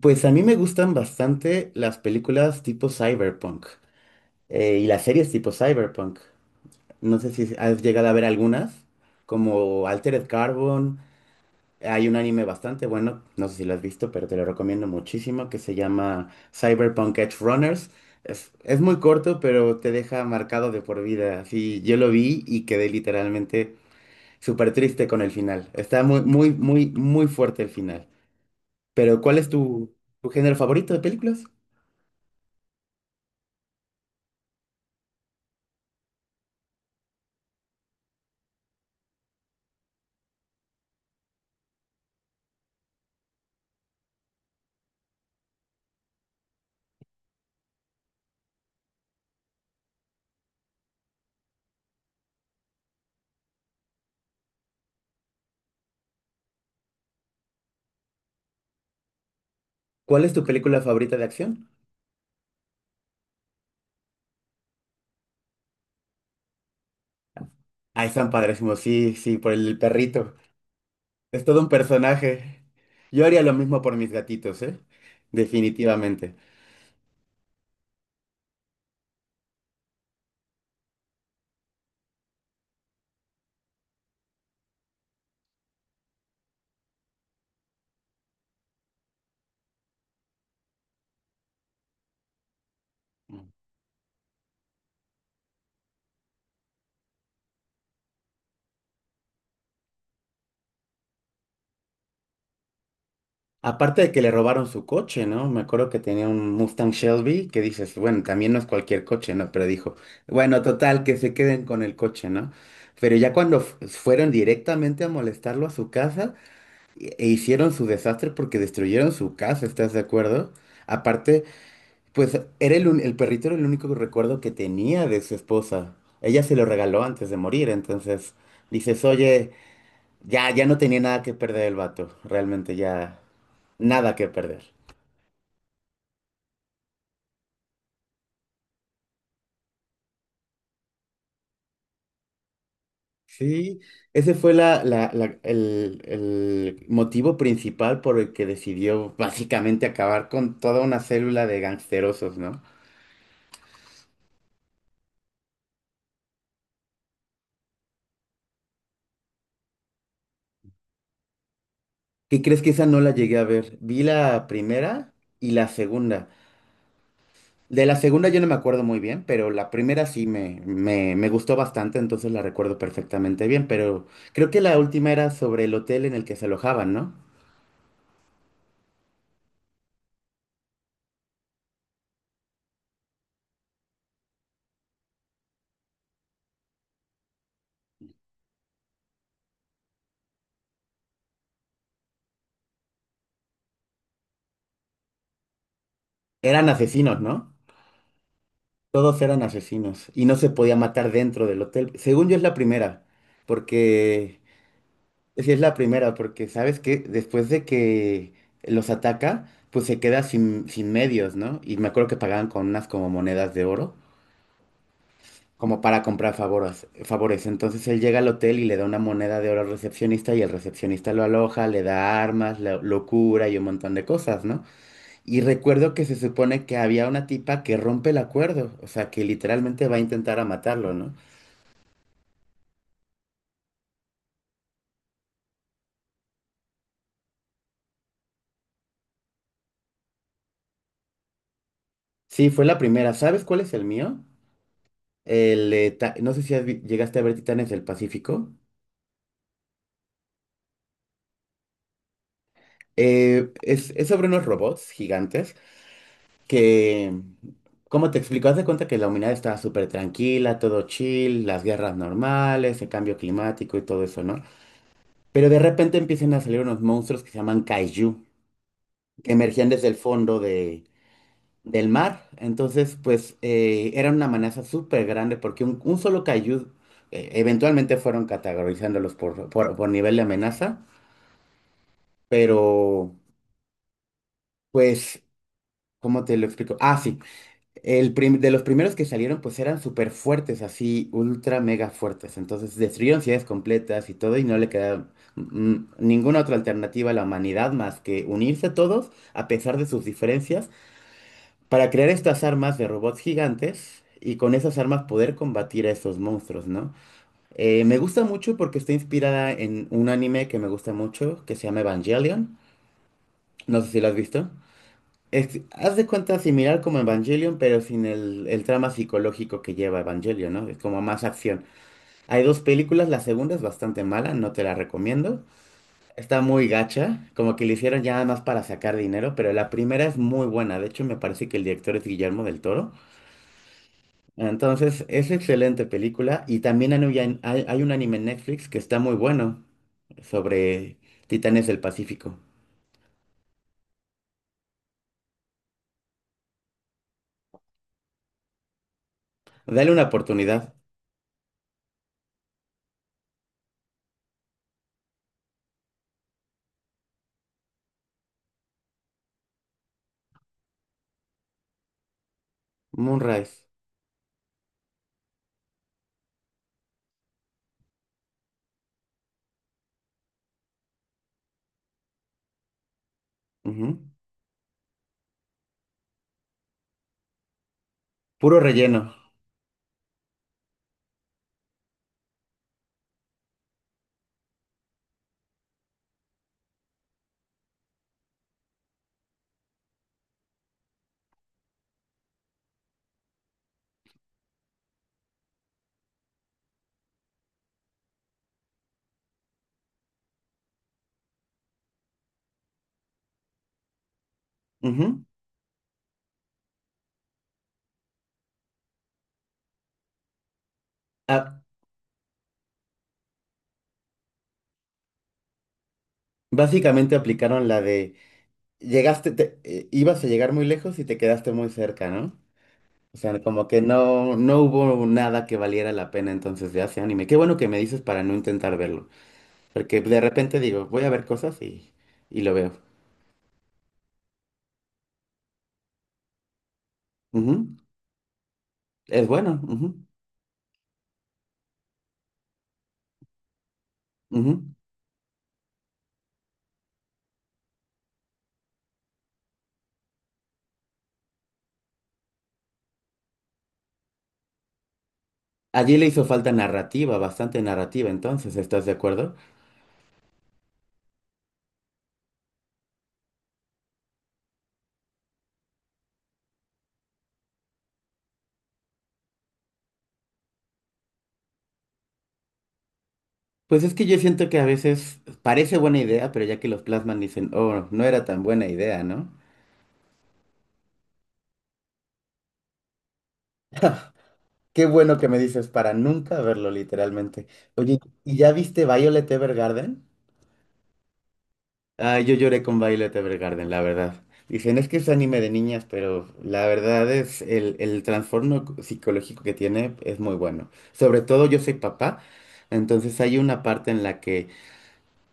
Pues a mí me gustan bastante las películas tipo cyberpunk, y las series tipo cyberpunk. No sé si has llegado a ver algunas, como Altered Carbon. Hay un anime bastante bueno, no sé si lo has visto, pero te lo recomiendo muchísimo, que se llama Cyberpunk Edge Runners. Es muy corto, pero te deja marcado de por vida. Así, yo lo vi y quedé literalmente súper triste con el final. Está muy, muy, muy, muy fuerte el final. Pero ¿cuál es tu género favorito de películas? ¿Cuál es tu película favorita de acción? Ah, están padrísimos, sí, sí, por el perrito. Es todo un personaje. Yo haría lo mismo por mis gatitos, ¿eh? Definitivamente. Aparte de que le robaron su coche, ¿no? Me acuerdo que tenía un Mustang Shelby que dices, bueno, también no es cualquier coche, ¿no? Pero dijo, bueno, total, que se queden con el coche, ¿no? Pero ya cuando fueron directamente a molestarlo a su casa e hicieron su desastre porque destruyeron su casa, ¿estás de acuerdo? Aparte. Pues era el perrito era el único recuerdo que tenía de su esposa. Ella se lo regaló antes de morir, entonces dices, oye, ya no tenía nada que perder el vato, realmente ya nada que perder. Sí, ese fue el motivo principal por el que decidió básicamente acabar con toda una célula de gangsterosos, ¿no? ¿Qué crees que esa no la llegué a ver? Vi la primera y la segunda. De la segunda yo no me acuerdo muy bien, pero la primera sí me gustó bastante, entonces la recuerdo perfectamente bien, pero creo que la última era sobre el hotel en el que se alojaban, ¿no? Eran asesinos, ¿no? Todos eran asesinos y no se podía matar dentro del hotel. Según yo es la primera, porque pues sí es la primera, porque sabes que después de que los ataca, pues se queda sin medios, ¿no? Y me acuerdo que pagaban con unas como monedas de oro, como para comprar favores, favores. Entonces él llega al hotel y le da una moneda de oro al recepcionista y el recepcionista lo aloja, le da armas, lo cura y un montón de cosas, ¿no? Y recuerdo que se supone que había una tipa que rompe el acuerdo, o sea, que literalmente va a intentar a matarlo, ¿no? Sí, fue la primera. ¿Sabes cuál es el mío? No sé si llegaste a ver Titanes del Pacífico. Es sobre unos robots gigantes que, ¿cómo te explico? Haz de cuenta que la humanidad estaba súper tranquila, todo chill, las guerras normales, el cambio climático y todo eso, ¿no? Pero de repente empiezan a salir unos monstruos que se llaman kaiju, que emergían desde el fondo del mar. Entonces, pues, era una amenaza súper grande porque un solo kaiju, eventualmente fueron categorizándolos por nivel de amenaza, pero, pues, ¿cómo te lo explico? Ah, sí. De los primeros que salieron, pues eran súper fuertes, así, ultra mega fuertes. Entonces destruyeron ciudades completas y todo, y no le quedaba ninguna otra alternativa a la humanidad más que unirse todos, a pesar de sus diferencias, para crear estas armas de robots gigantes y con esas armas poder combatir a esos monstruos, ¿no? Me gusta mucho porque está inspirada en un anime que me gusta mucho, que se llama Evangelion. No sé si lo has visto. Haz de cuenta similar como Evangelion, pero sin el trama psicológico que lleva Evangelion, ¿no? Es como más acción. Hay dos películas, la segunda es bastante mala, no te la recomiendo. Está muy gacha, como que le hicieron ya nada más para sacar dinero, pero la primera es muy buena. De hecho, me parece que el director es Guillermo del Toro. Entonces, es excelente película. Y también hay un anime en Netflix que está muy bueno sobre Titanes del Pacífico. Dale una oportunidad. Moonrise. Ujú. Puro relleno. Ujú. Ah, básicamente aplicaron la de ibas a llegar muy lejos y te quedaste muy cerca, ¿no? O sea, como que no hubo nada que valiera la pena entonces de ese anime. Qué bueno que me dices para no intentar verlo, porque de repente digo, voy a ver cosas y lo veo. Ujú. Es bueno. Ujú, ujú. Allí le hizo falta narrativa, bastante narrativa, entonces, ¿estás de acuerdo? Pues es que yo siento que a veces parece buena idea, pero ya que los plasman dicen, oh, no era tan buena idea, ¿no? Qué bueno que me dices para nunca verlo, literalmente. Oye, ¿y ya viste Violet Evergarden? Ah, yo lloré con Violet Evergarden, la verdad. Dicen, es que es anime de niñas, pero la verdad es el trastorno psicológico que tiene es muy bueno. Sobre todo yo soy papá, entonces hay una parte en la que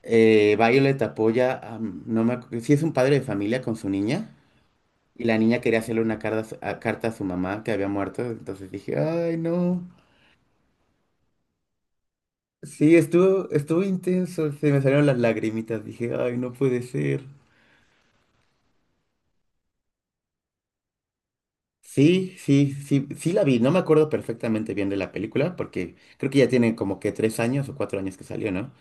Violet apoya, a- no me acu- sí es un padre de familia con su niña, y la niña quería hacerle una carta a su carta a su mamá que había muerto, entonces dije, ay, no. Sí, estuvo intenso, se me salieron las lagrimitas, dije, ay, no puede ser. Sí, sí, sí, sí la vi, no me acuerdo perfectamente bien de la película, porque creo que ya tiene como que 3 años o 4 años que salió, ¿no?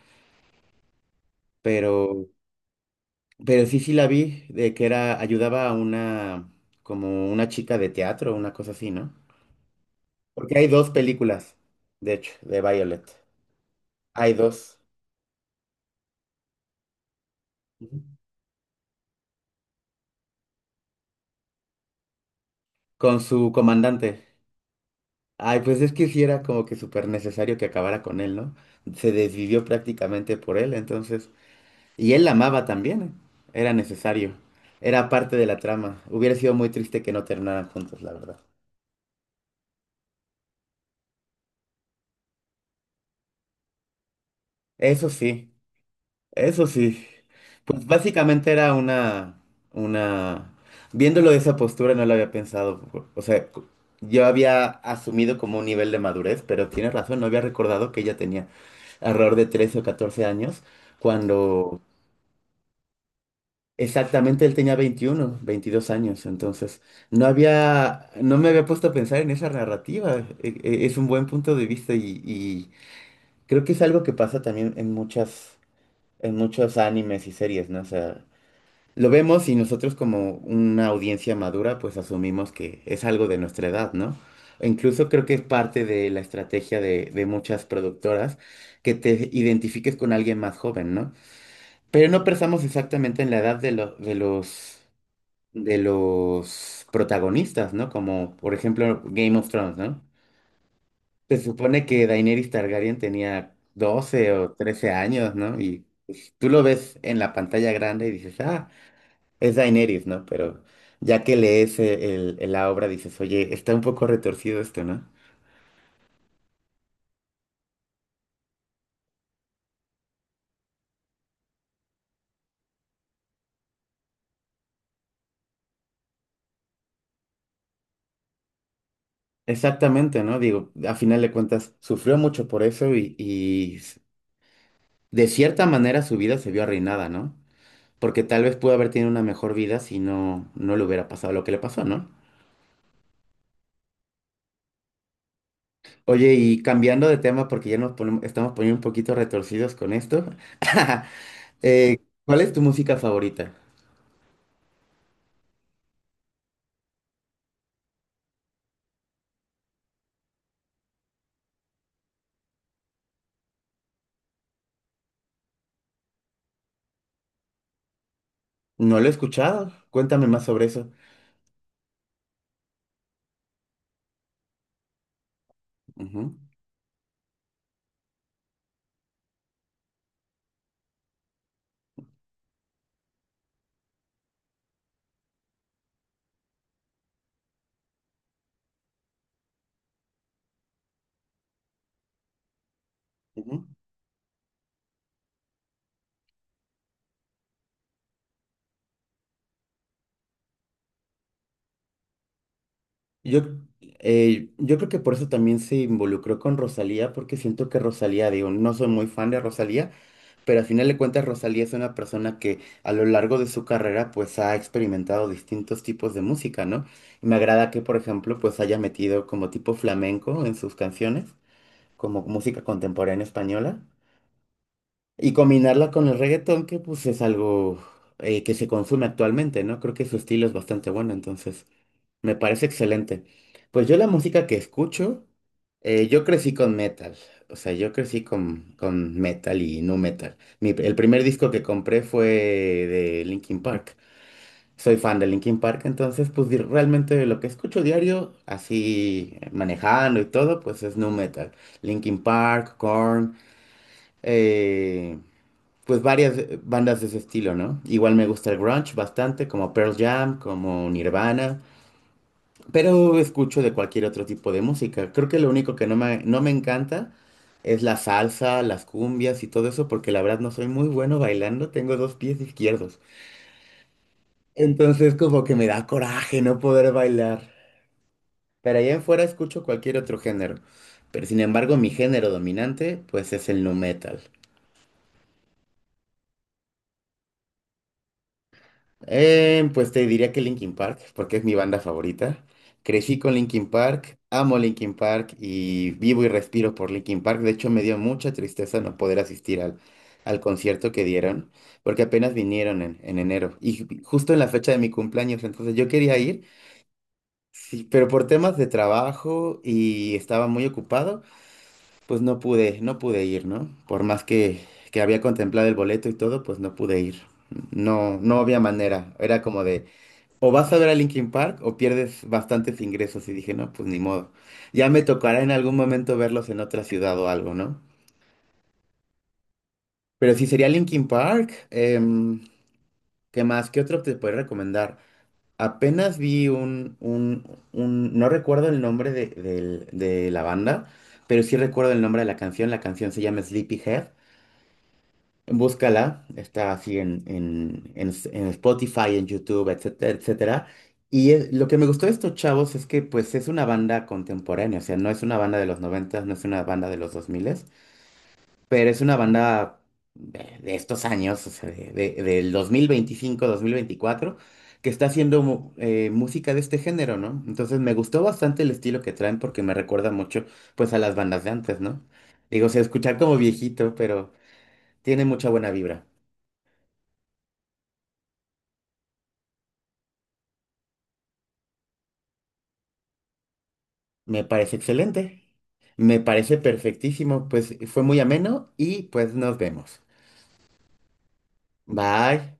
Pero, pero sí, sí la vi, de que era, ayudaba a una, como una chica de teatro, una cosa así, ¿no? Porque hay dos películas, de hecho, de Violet. Hay dos. Ujú. Con su comandante. Ay, pues es que sí era como que súper necesario que acabara con él, ¿no? Se desvivió prácticamente por él, entonces. Y él la amaba también, ¿eh? Era necesario. Era parte de la trama. Hubiera sido muy triste que no terminaran juntos, la verdad. Eso sí, eso sí. Pues básicamente era una... Viéndolo de esa postura no lo había pensado. O sea, yo había asumido como un nivel de madurez, pero tienes razón, no había recordado que ella tenía alrededor de 13 o 14 años cuando. Exactamente, él tenía 21, 22 años, entonces no me había puesto a pensar en esa narrativa. Es un buen punto de vista y creo que es algo que pasa también en muchos animes y series, ¿no? O sea, lo vemos y nosotros como una audiencia madura, pues asumimos que es algo de nuestra edad, ¿no? E incluso creo que es parte de la estrategia de muchas productoras que te identifiques con alguien más joven, ¿no? Pero no pensamos exactamente en la edad de los protagonistas, ¿no? Como por ejemplo Game of Thrones, ¿no? Se supone que Daenerys Targaryen tenía 12 o 13 años, ¿no? Y pues, tú lo ves en la pantalla grande y dices, ah, es Daenerys, ¿no? Pero ya que lees la obra dices, oye, está un poco retorcido esto, ¿no? Exactamente, ¿no? Digo, a final de cuentas, sufrió mucho por eso y de cierta manera su vida se vio arruinada, ¿no? Porque tal vez pudo haber tenido una mejor vida si no le hubiera pasado lo que le pasó, ¿no? Oye, y cambiando de tema, porque ya nos estamos poniendo un poquito retorcidos con esto, eh, ¿cuál es tu música favorita? No lo he escuchado, cuéntame más sobre eso. Ujú, ujú. Yo, yo creo que por eso también se involucró con Rosalía, porque siento que Rosalía, digo, no soy muy fan de Rosalía, pero al final de cuentas Rosalía es una persona que a lo largo de su carrera pues ha experimentado distintos tipos de música, ¿no? Y me agrada que, por ejemplo, pues haya metido como tipo flamenco en sus canciones, como música contemporánea española y combinarla con el reggaetón, que pues es algo que se consume actualmente, ¿no? Creo que su estilo es bastante bueno, entonces me parece excelente. Pues yo la música que escucho, yo crecí con metal, o sea, yo crecí con metal y nu metal. El primer disco que compré fue de Linkin Park. Soy fan de Linkin Park, entonces pues realmente lo que escucho diario, así manejando y todo, pues es nu metal. Linkin Park, Korn, eh, pues varias bandas de ese estilo, ¿no? Igual me gusta el grunge bastante, como Pearl Jam, como Nirvana, pero escucho de cualquier otro tipo de música. Creo que lo único que no me encanta es la salsa, las cumbias y todo eso, porque la verdad no soy muy bueno bailando, tengo dos pies izquierdos. Entonces como que me da coraje no poder bailar. Pero allá en fuera escucho cualquier otro género. Pero sin embargo, mi género dominante, pues es el nu metal. Pues te diría que Linkin Park, porque es mi banda favorita. Crecí con Linkin Park, amo Linkin Park y vivo y respiro por Linkin Park. De hecho, me dio mucha tristeza no poder asistir al concierto que dieron, porque apenas vinieron en enero y justo en la fecha de mi cumpleaños. Entonces yo quería ir, sí, pero por temas de trabajo y estaba muy ocupado, pues no pude ir, ¿no? Por más que había contemplado el boleto y todo, pues no pude ir. No, no había manera. Era como de o vas a ver a Linkin Park o pierdes bastantes ingresos y dije, no, pues ni modo. Ya me tocará en algún momento verlos en otra ciudad o algo, ¿no? Pero si sería Linkin Park, ¿qué más? ¿Qué otro te puedo recomendar? Apenas vi no recuerdo el nombre de la banda, pero sí recuerdo el nombre de la canción. La canción se llama Sleepyhead. Búscala, está así en Spotify, en YouTube, etcétera, etcétera. Y lo que me gustó de estos chavos es que pues es una banda contemporánea, o sea, no es una banda de los 90, no es una banda de los dos miles, pero es una banda de- estos años, o sea, del 2025, 2024 que está haciendo música de este género, ¿no? Entonces me gustó bastante el estilo que traen porque me recuerda mucho pues a las bandas de antes, ¿no? Digo, o sea, escuchar como viejito, pero tiene mucha buena vibra. Me parece excelente. Me parece perfectísimo. Pues fue muy ameno y pues nos vemos. Bye.